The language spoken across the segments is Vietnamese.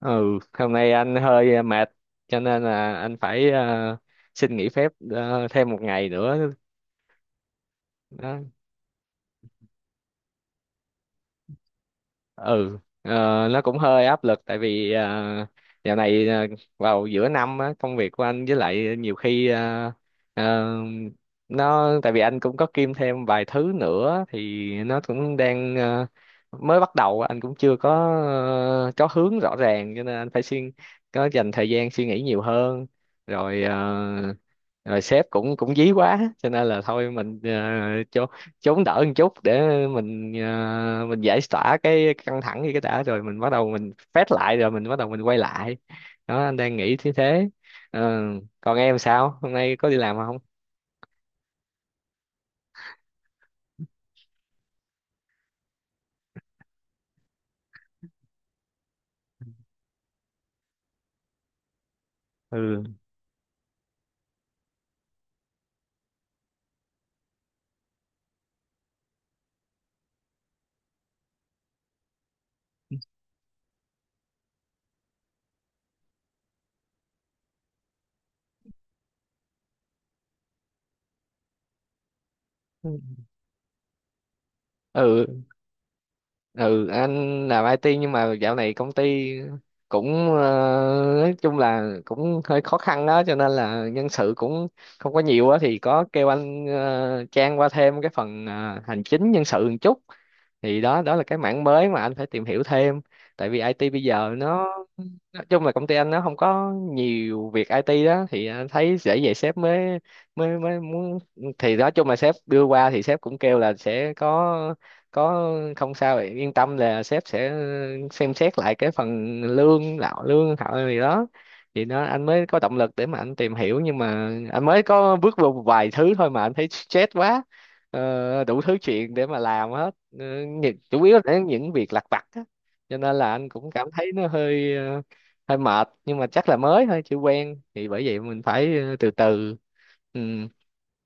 Ừ, hôm nay anh hơi mệt, cho nên là anh phải xin nghỉ phép, thêm một ngày nữa. Đó. Ừ, nó cũng hơi áp lực, tại vì dạo này vào giữa năm á, công việc của anh với lại nhiều khi ờ, nó tại vì anh cũng có kiêm thêm vài thứ nữa thì nó cũng đang mới bắt đầu. Anh cũng chưa có có hướng rõ ràng, cho nên anh phải suy có dành thời gian suy nghĩ nhiều hơn. Rồi ờ, rồi sếp cũng cũng dí quá, cho nên là thôi mình cho chống đỡ một chút để mình giải tỏa cái căng thẳng gì cái đã, rồi mình bắt đầu mình phét lại, rồi mình bắt đầu mình quay lại. Đó anh đang nghĩ thế thế. Ờ, còn em sao hôm nay có đi làm không? Ừ, ừ, ừ, anh làm IT nhưng mà dạo này công ty cũng nói chung là cũng hơi khó khăn đó, cho nên là nhân sự cũng không có nhiều á, thì có kêu anh Trang qua thêm cái phần hành chính nhân sự một chút, thì đó đó là cái mảng mới mà anh phải tìm hiểu thêm. Tại vì IT bây giờ nó nói chung là công ty anh nó không có nhiều việc IT đó, thì anh thấy dễ vậy sếp mới mới mới muốn. Thì nói chung là sếp đưa qua thì sếp cũng kêu là sẽ có, không sao vậy, yên tâm là sếp sẽ xem xét lại cái phần lương lạo lương họ gì đó. Thì nó anh mới có động lực để mà anh tìm hiểu, nhưng mà anh mới có bước vào một vài thứ thôi mà anh thấy stress quá. Đủ thứ chuyện để mà làm hết. Ờ, Chủ yếu là những việc lặt vặt á, cho nên là anh cũng cảm thấy nó hơi mệt, nhưng mà chắc là mới thôi chưa quen, thì bởi vậy mình phải từ từ. Ừ.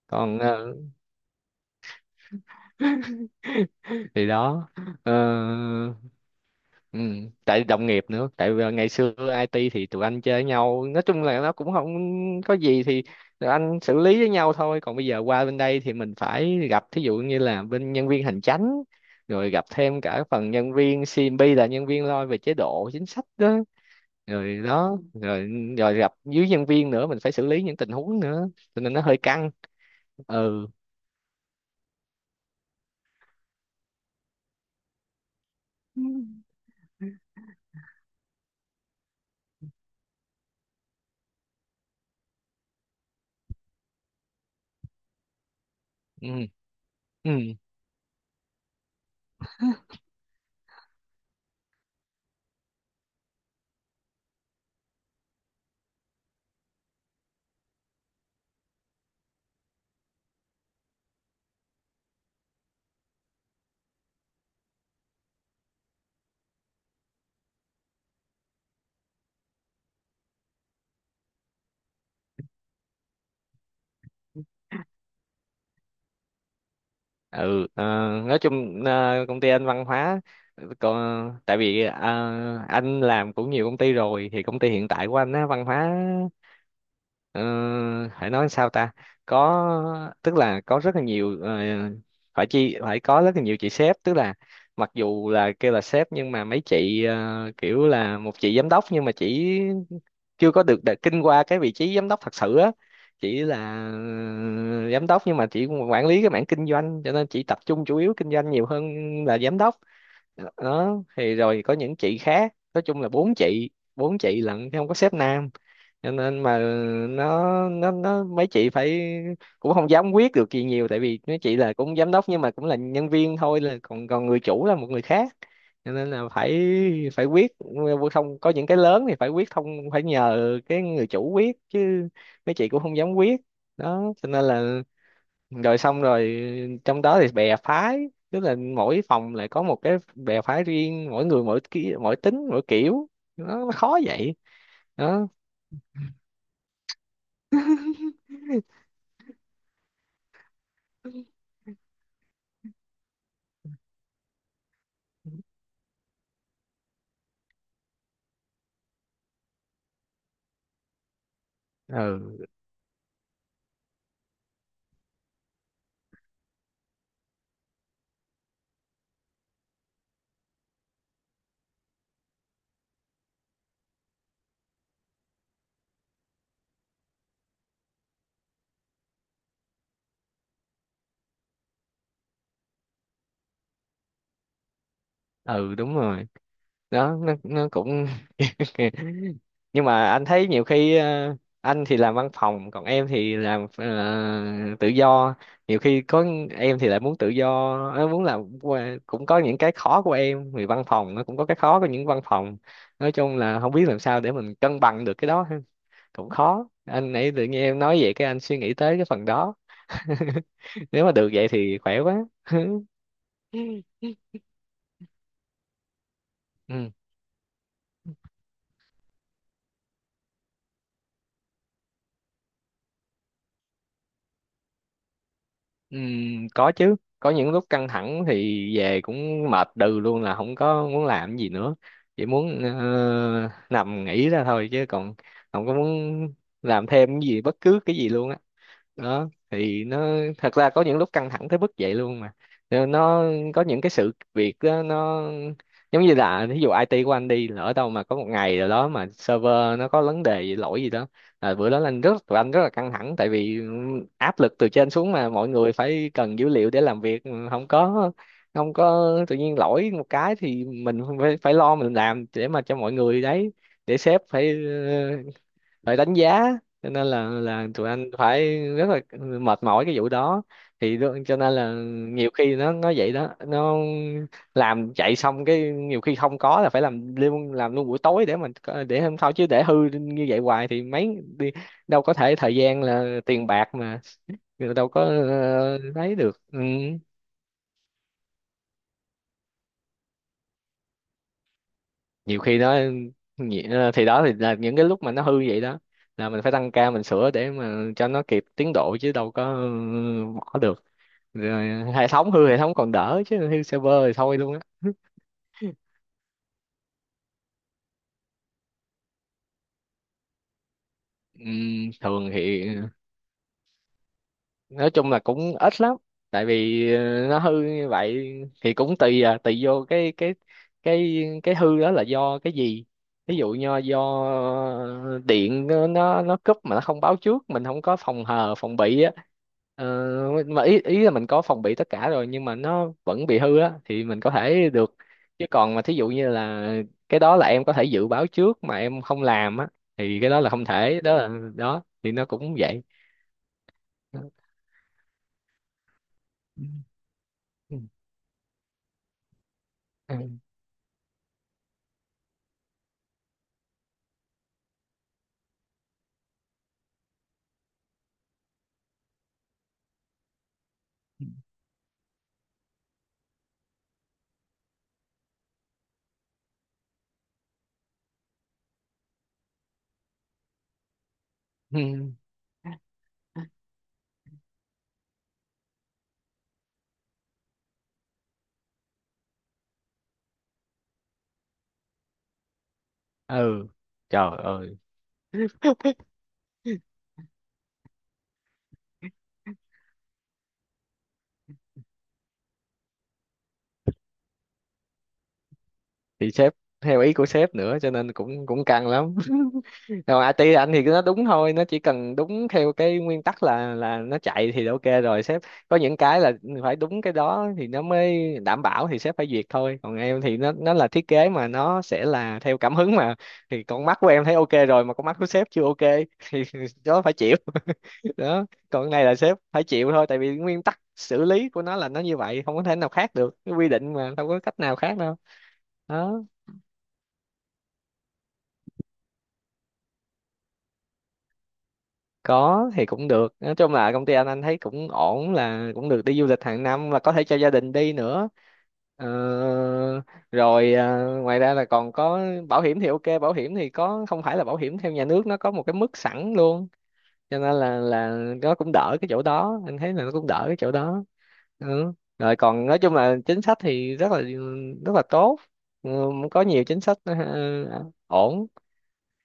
Còn thì đó. Ờ. Ừ, tại đồng nghiệp nữa, tại vì ngày xưa IT thì tụi anh chơi với nhau, nói chung là nó cũng không có gì, thì tụi anh xử lý với nhau thôi. Còn bây giờ qua bên đây thì mình phải gặp thí dụ như là bên nhân viên hành chánh, rồi gặp thêm cả phần nhân viên CMB là nhân viên lo về chế độ chính sách đó, rồi đó, rồi rồi gặp dưới nhân viên nữa, mình phải xử lý những tình huống nữa, cho nên nó hơi căng. Ừ, ừ, ừ, ừ. Ờ, nói chung công ty anh văn hóa còn tại vì anh làm cũng nhiều công ty rồi, thì công ty hiện tại của anh á văn hóa ờ, phải nói sao ta, có tức là có rất là nhiều phải chi phải có rất là nhiều chị sếp. Tức là mặc dù là kêu là sếp, nhưng mà mấy chị kiểu là một chị giám đốc nhưng mà chỉ chưa có được kinh qua cái vị trí giám đốc thật sự á, chỉ là giám đốc nhưng mà chỉ quản lý cái mảng kinh doanh, cho nên chỉ tập trung chủ yếu kinh doanh nhiều hơn là giám đốc. Đó thì rồi có những chị khác, nói chung là bốn chị, bốn chị lận chứ không có sếp nam. Cho nên mà nó mấy chị phải cũng không dám quyết được gì nhiều, tại vì mấy chị là cũng giám đốc nhưng mà cũng là nhân viên thôi, là còn còn người chủ là một người khác, cho nên là phải phải quyết, không có, những cái lớn thì phải quyết không, phải nhờ cái người chủ quyết chứ mấy chị cũng không dám quyết. Đó cho nên là rồi xong rồi trong đó thì bè phái, tức là mỗi phòng lại có một cái bè phái riêng, mỗi người mỗi tính mỗi kiểu, nó khó vậy đó. Ừ, ừ, đúng rồi. Đó nó cũng nhưng mà anh thấy nhiều khi anh thì làm văn phòng, còn em thì làm tự do. Nhiều khi có em thì lại muốn tự do, muốn làm cũng có những cái khó của em, vì văn phòng nó cũng có cái khó của những văn phòng. Nói chung là không biết làm sao để mình cân bằng được cái đó ha. Cũng khó, anh nãy tự nhiên em nói vậy cái anh suy nghĩ tới cái phần đó. Nếu mà được vậy thì khỏe quá. Ừ. Có chứ, có những lúc căng thẳng thì về cũng mệt đừ luôn là không có muốn làm gì nữa, chỉ muốn nằm nghỉ ra thôi, chứ còn không có muốn làm thêm cái gì bất cứ cái gì luôn á. Đó thì nó thật ra có những lúc căng thẳng tới mức vậy luôn mà. Rồi nó có những cái sự việc đó, nó giống như là ví dụ IT của anh đi, lỡ đâu mà có một ngày rồi đó mà server nó có vấn đề gì, lỗi gì đó là bữa đó là anh rất tụi anh rất là căng thẳng, tại vì áp lực từ trên xuống mà mọi người phải cần dữ liệu để làm việc. Ừ, không có tự nhiên lỗi một cái thì mình phải phải lo mình làm để mà cho mọi người đấy, để sếp phải phải đánh giá, cho nên là tụi anh phải rất là mệt mỏi cái vụ đó. Thì cho nên là nhiều khi nó vậy đó, nó làm chạy xong cái nhiều khi không có là phải làm luôn buổi tối để mình để hôm sau, chứ để hư như vậy hoài thì mấy đi đâu có thể, thời gian là tiền bạc mà. Đâu có lấy được. Ừ. Nhiều khi nó thì đó thì là những cái lúc mà nó hư vậy đó, là mình phải tăng ca mình sửa để mà cho nó kịp tiến độ, chứ đâu có bỏ được. Rồi hệ thống hư hệ thống còn đỡ, chứ hư server thì thôi luôn á. Thường thì nói chung là cũng ít lắm, tại vì nó hư như vậy thì cũng tùy vô cái hư đó là do cái gì. Ví dụ như do ờ, điện nó cúp mà nó không báo trước, mình không có phòng hờ phòng bị á. ờ, mà ý ý là mình có phòng bị tất cả rồi nhưng mà nó vẫn bị hư á thì mình có thể được. Chứ còn mà thí dụ như là cái đó là em có thể dự báo trước mà em không làm á, thì cái đó là không thể. Đó là đó thì nó cũng vậy. Ừ. Ừ, trời ơi, thì sếp theo ý của sếp nữa, cho nên cũng cũng căng lắm. Còn IT anh thì nó đúng thôi, nó chỉ cần đúng theo cái nguyên tắc, là nó chạy thì ok rồi sếp. Có những cái là phải đúng cái đó thì nó mới đảm bảo, thì sếp phải duyệt thôi. Còn em thì nó là thiết kế mà, nó sẽ là theo cảm hứng mà, thì con mắt của em thấy ok rồi mà con mắt của sếp chưa ok. Thì đó phải chịu. Đó, còn cái này là sếp phải chịu thôi, tại vì nguyên tắc xử lý của nó là nó như vậy, không có thể nào khác được, cái quy định mà đâu có cách nào khác đâu. Đó. Có thì cũng được, nói chung là công ty anh thấy cũng ổn, là cũng được đi du lịch hàng năm và có thể cho gia đình đi nữa. Ờ, Rồi ngoài ra là còn có bảo hiểm thì ok, bảo hiểm thì có, không phải là bảo hiểm theo nhà nước, nó có một cái mức sẵn luôn, cho nên là nó cũng đỡ cái chỗ đó, anh thấy là nó cũng đỡ cái chỗ đó. Ừ. Rồi còn nói chung là chính sách thì rất là tốt. ừ, có nhiều chính sách ổn.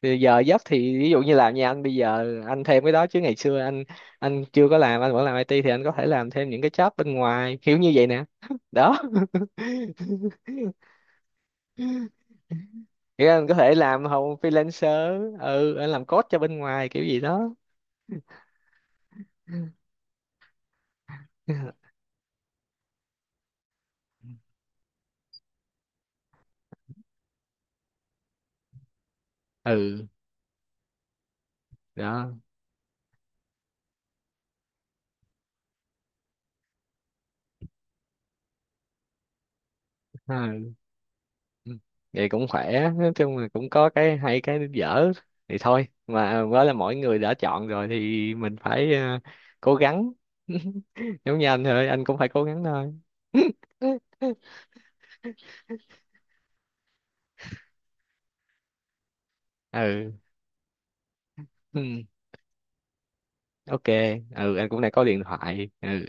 Thì giờ giấc thì ví dụ như làm nhà anh bây giờ anh thêm cái đó, chứ ngày xưa anh chưa có làm, anh vẫn làm IT thì anh có thể làm thêm những cái job bên ngoài kiểu như vậy nè. Đó. Nghĩa là anh có thể làm hầu freelancer, anh làm code cho bên ngoài kiểu gì đó. Ừ, đó, ừ. Vậy cũng khỏe, nói chung là cũng có cái hay cái dở, thì thôi mà đó là mỗi người đã chọn rồi thì mình phải cố gắng. Giống như anh thôi, anh cũng phải cố gắng thôi. Ừ. Ừm, ok. Ừ, anh cũng đang có điện thoại. Ừ